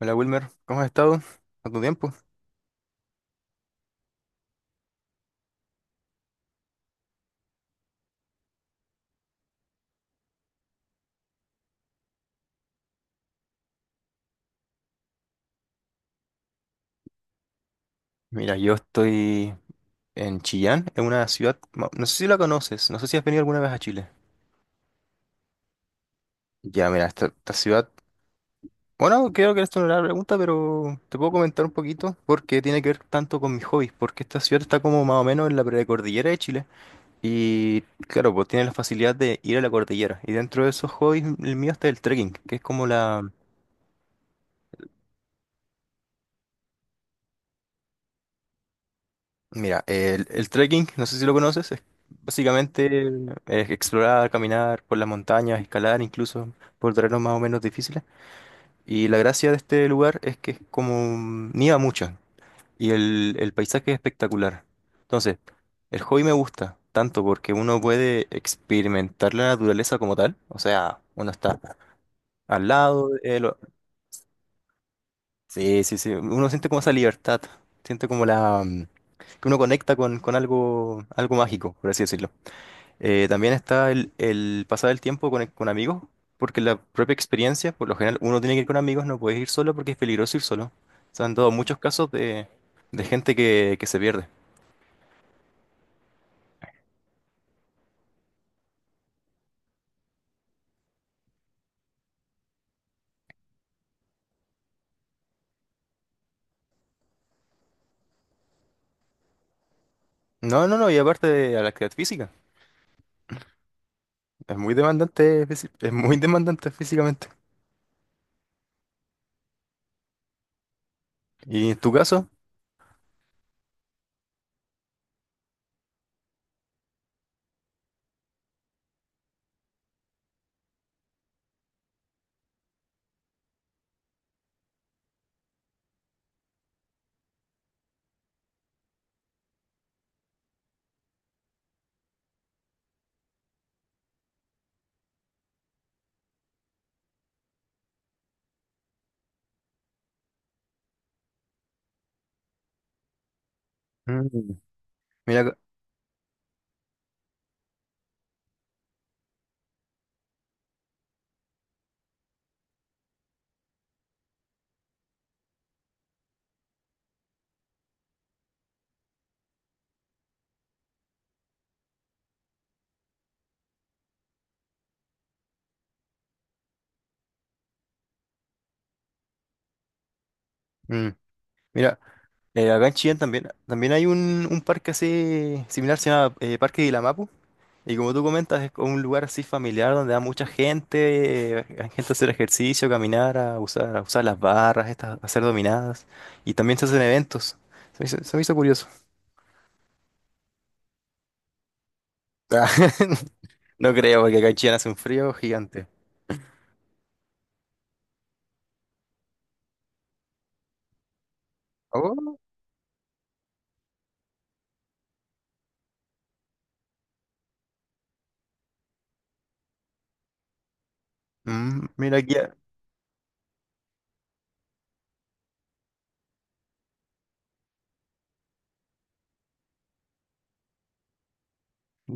Hola Wilmer, ¿cómo has estado? ¿Cuánto tiempo? Mira, yo estoy en Chillán, en una ciudad, no sé si la conoces, no sé si has venido alguna vez a Chile. Ya, mira, esta ciudad, bueno, creo que esto no era la pregunta, pero te puedo comentar un poquito porque tiene que ver tanto con mis hobbies, porque esta ciudad está como más o menos en la precordillera de Chile y claro, pues tiene la facilidad de ir a la cordillera y dentro de esos hobbies el mío está el trekking, que es como. Mira, el trekking, no sé si lo conoces, es básicamente es explorar, caminar por las montañas, escalar incluso por terrenos más o menos difíciles. Y la gracia de este lugar es que es como nieva mucho y el paisaje es espectacular. Entonces, el hobby me gusta tanto porque uno puede experimentar la naturaleza como tal, o sea, uno está al lado de. Sí, sí, sí, uno siente como esa libertad, siente como que uno conecta con algo mágico, por así decirlo. También está el pasar el tiempo con amigos, porque la propia experiencia, por lo general, uno tiene que ir con amigos, no puedes ir solo porque es peligroso ir solo. Se han dado muchos casos de gente que se pierde. No, no, no, y aparte de la actividad física, es muy demandante, es muy demandante físicamente. ¿Y en tu caso? Mm. Mira, mm, mira. Acá en Chillán también hay un parque así similar, se llama Parque Guilamapu. Y como tú comentas, es como un lugar así familiar donde va mucha gente, hay gente a hacer ejercicio, caminar, a usar las barras, estas, a hacer dominadas. Y también se hacen eventos. Se me hizo curioso. Ah, no creo, porque acá en Chillán hace un frío gigante. Oh, mira aquí,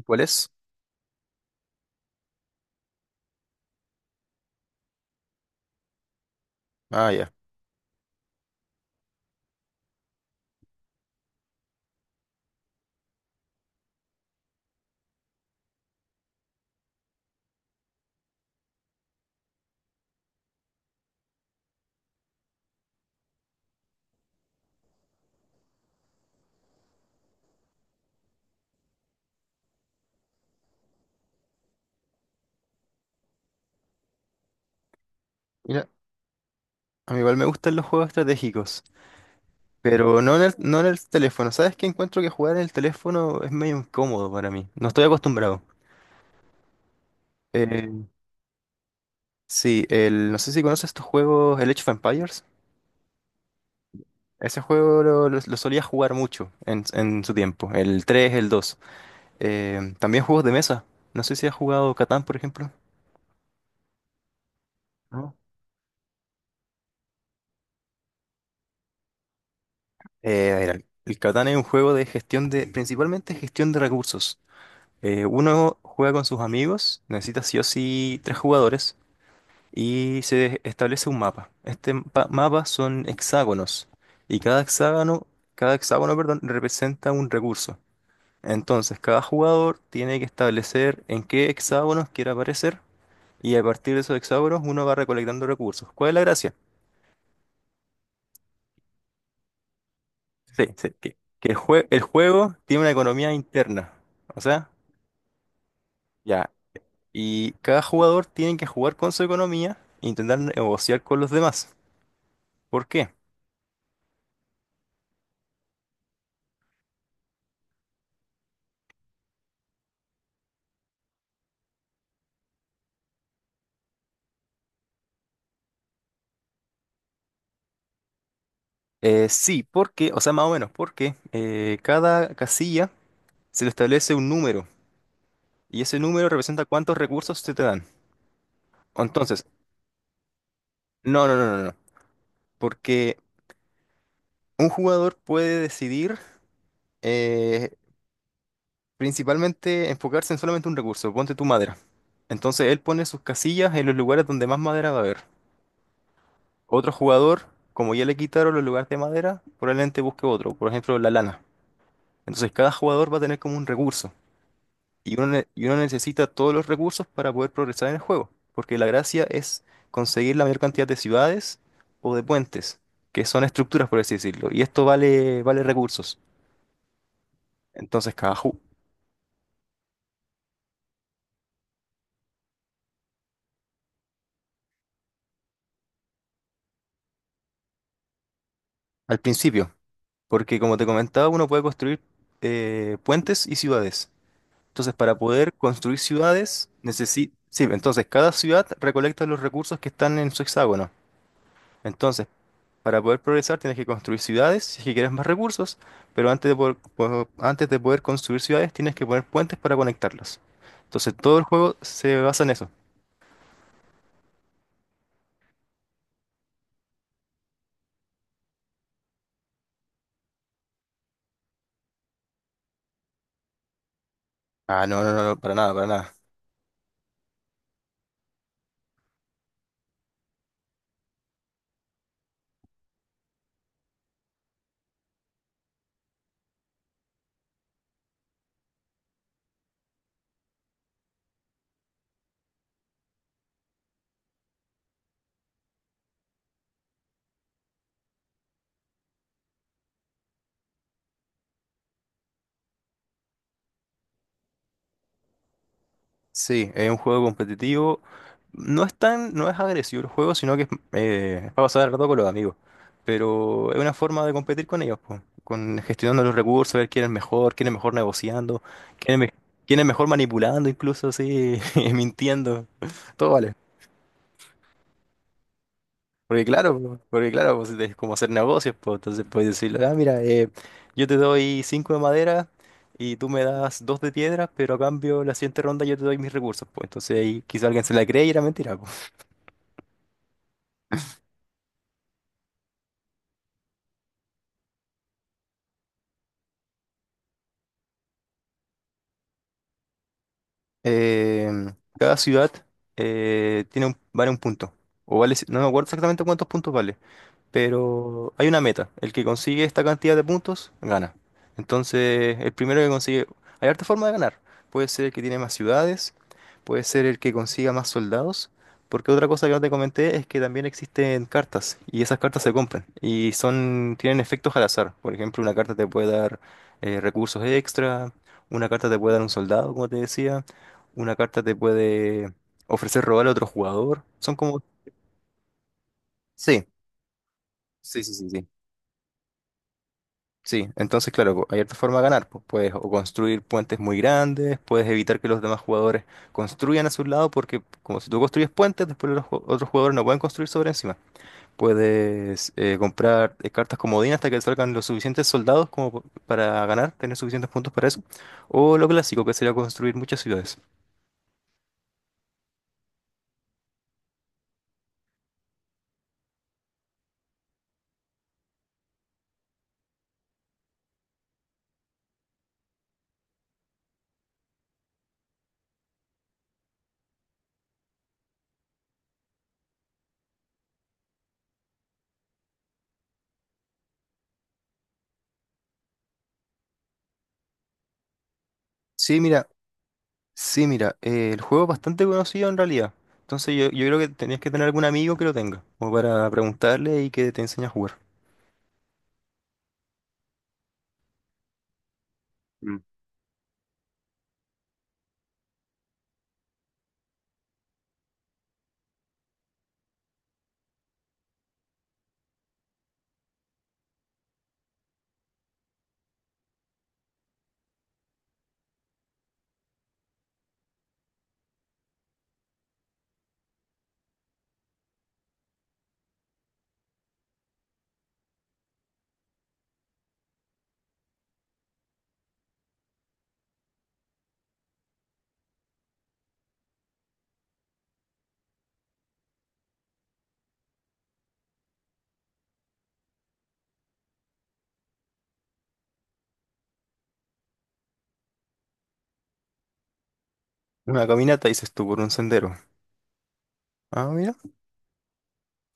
¿cuál es? Ah, ya. Mira, a mí igual me gustan los juegos estratégicos. Pero no en el teléfono. ¿Sabes qué? Encuentro que jugar en el teléfono es medio incómodo para mí. No estoy acostumbrado. Eh, sí, no sé si conoces estos juegos, el Age of Empires. Ese juego lo solía jugar mucho en su tiempo, el 3 el dos. También juegos de mesa. No sé si has jugado Catán, por ejemplo. No. A ver, el Catán es un juego de gestión de, principalmente gestión de recursos. Uno juega con sus amigos, necesita sí o sí tres jugadores. Y se establece un mapa. Este mapa son hexágonos y cada hexágono, perdón, representa un recurso. Entonces, cada jugador tiene que establecer en qué hexágonos quiere aparecer y a partir de esos hexágonos uno va recolectando recursos. ¿Cuál es la gracia? Sí, sí, que el juego tiene una economía interna. O sea, ya. Y cada jugador tiene que jugar con su economía e intentar negociar con los demás. ¿Por qué? Sí, porque, o sea, más o menos, porque cada casilla se le establece un número y ese número representa cuántos recursos se te dan. Entonces, no, no, no, no, no, porque un jugador puede decidir eh, principalmente enfocarse en solamente un recurso, ponte tu madera. Entonces, él pone sus casillas en los lugares donde más madera va a haber. Otro jugador, como ya le quitaron los lugares de madera, probablemente busque otro, por ejemplo, la lana. Entonces, cada jugador va a tener como un recurso. Y uno, uno necesita todos los recursos para poder progresar en el juego, porque la gracia es conseguir la mayor cantidad de ciudades o de puentes, que son estructuras, por así decirlo, y esto vale recursos. Entonces, cada al principio, porque como te comentaba, uno puede construir puentes y ciudades. Entonces, para poder construir ciudades, necesita. Sí, entonces cada ciudad recolecta los recursos que están en su hexágono. Entonces, para poder progresar tienes que construir ciudades si es que quieres más recursos, pero antes de poder construir ciudades tienes que poner puentes para conectarlas. Entonces todo el juego se basa en eso. Ah, no, no, no, no, para nada, para nada. Sí, es un juego competitivo. No es agresivo el juego, sino que es para pasar el rato con los amigos. Pero es una forma de competir con ellos, po, con gestionando los recursos, ver quién es mejor negociando, quién es, me- quién es mejor manipulando, incluso así, mintiendo. Todo vale. Porque claro, pues, es como hacer negocios, pues entonces puedes decirle, ah, mira, yo te doy cinco de madera y tú me das dos de piedra, pero a cambio la siguiente ronda yo te doy mis recursos, pues entonces ahí quizá alguien se la cree y era mentira, pues. Em, Cada ciudad vale un punto, o no me acuerdo exactamente cuántos puntos vale, pero hay una meta. El que consigue esta cantidad de puntos, gana. Entonces, el primero que consigue. Hay harta forma de ganar. Puede ser el que tiene más ciudades, puede ser el que consiga más soldados, porque otra cosa que no te comenté es que también existen cartas, y esas cartas se compran, tienen efectos al azar. Por ejemplo, una carta te puede dar recursos extra, una carta te puede dar un soldado, como te decía, una carta te puede ofrecer robar a otro jugador. Son como. Sí, sí, sí, sí, sí. Sí, entonces claro, po, hay otra forma de ganar, pues puedes o construir puentes muy grandes, puedes evitar que los demás jugadores construyan a su lado, porque como si tú construyes puentes, después otros jugadores no pueden construir sobre encima. Puedes comprar cartas comodín hasta que salgan los suficientes soldados para ganar, tener suficientes puntos para eso. O lo clásico, que sería construir muchas ciudades. Sí, mira, sí, mira, el juego es bastante conocido en realidad. Entonces yo creo que tenías que tener algún amigo que lo tenga, como para preguntarle y que te enseñe a jugar. Una caminata, dices tú, por un sendero. Ah, mira.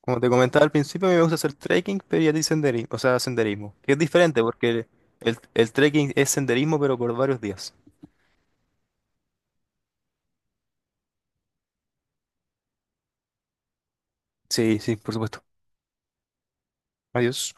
Como te comentaba al principio, a mí me gusta hacer trekking, pero ya di senderismo, o sea, senderismo. Que es diferente porque el trekking es senderismo, pero por varios días. Sí, sí, por supuesto. Adiós.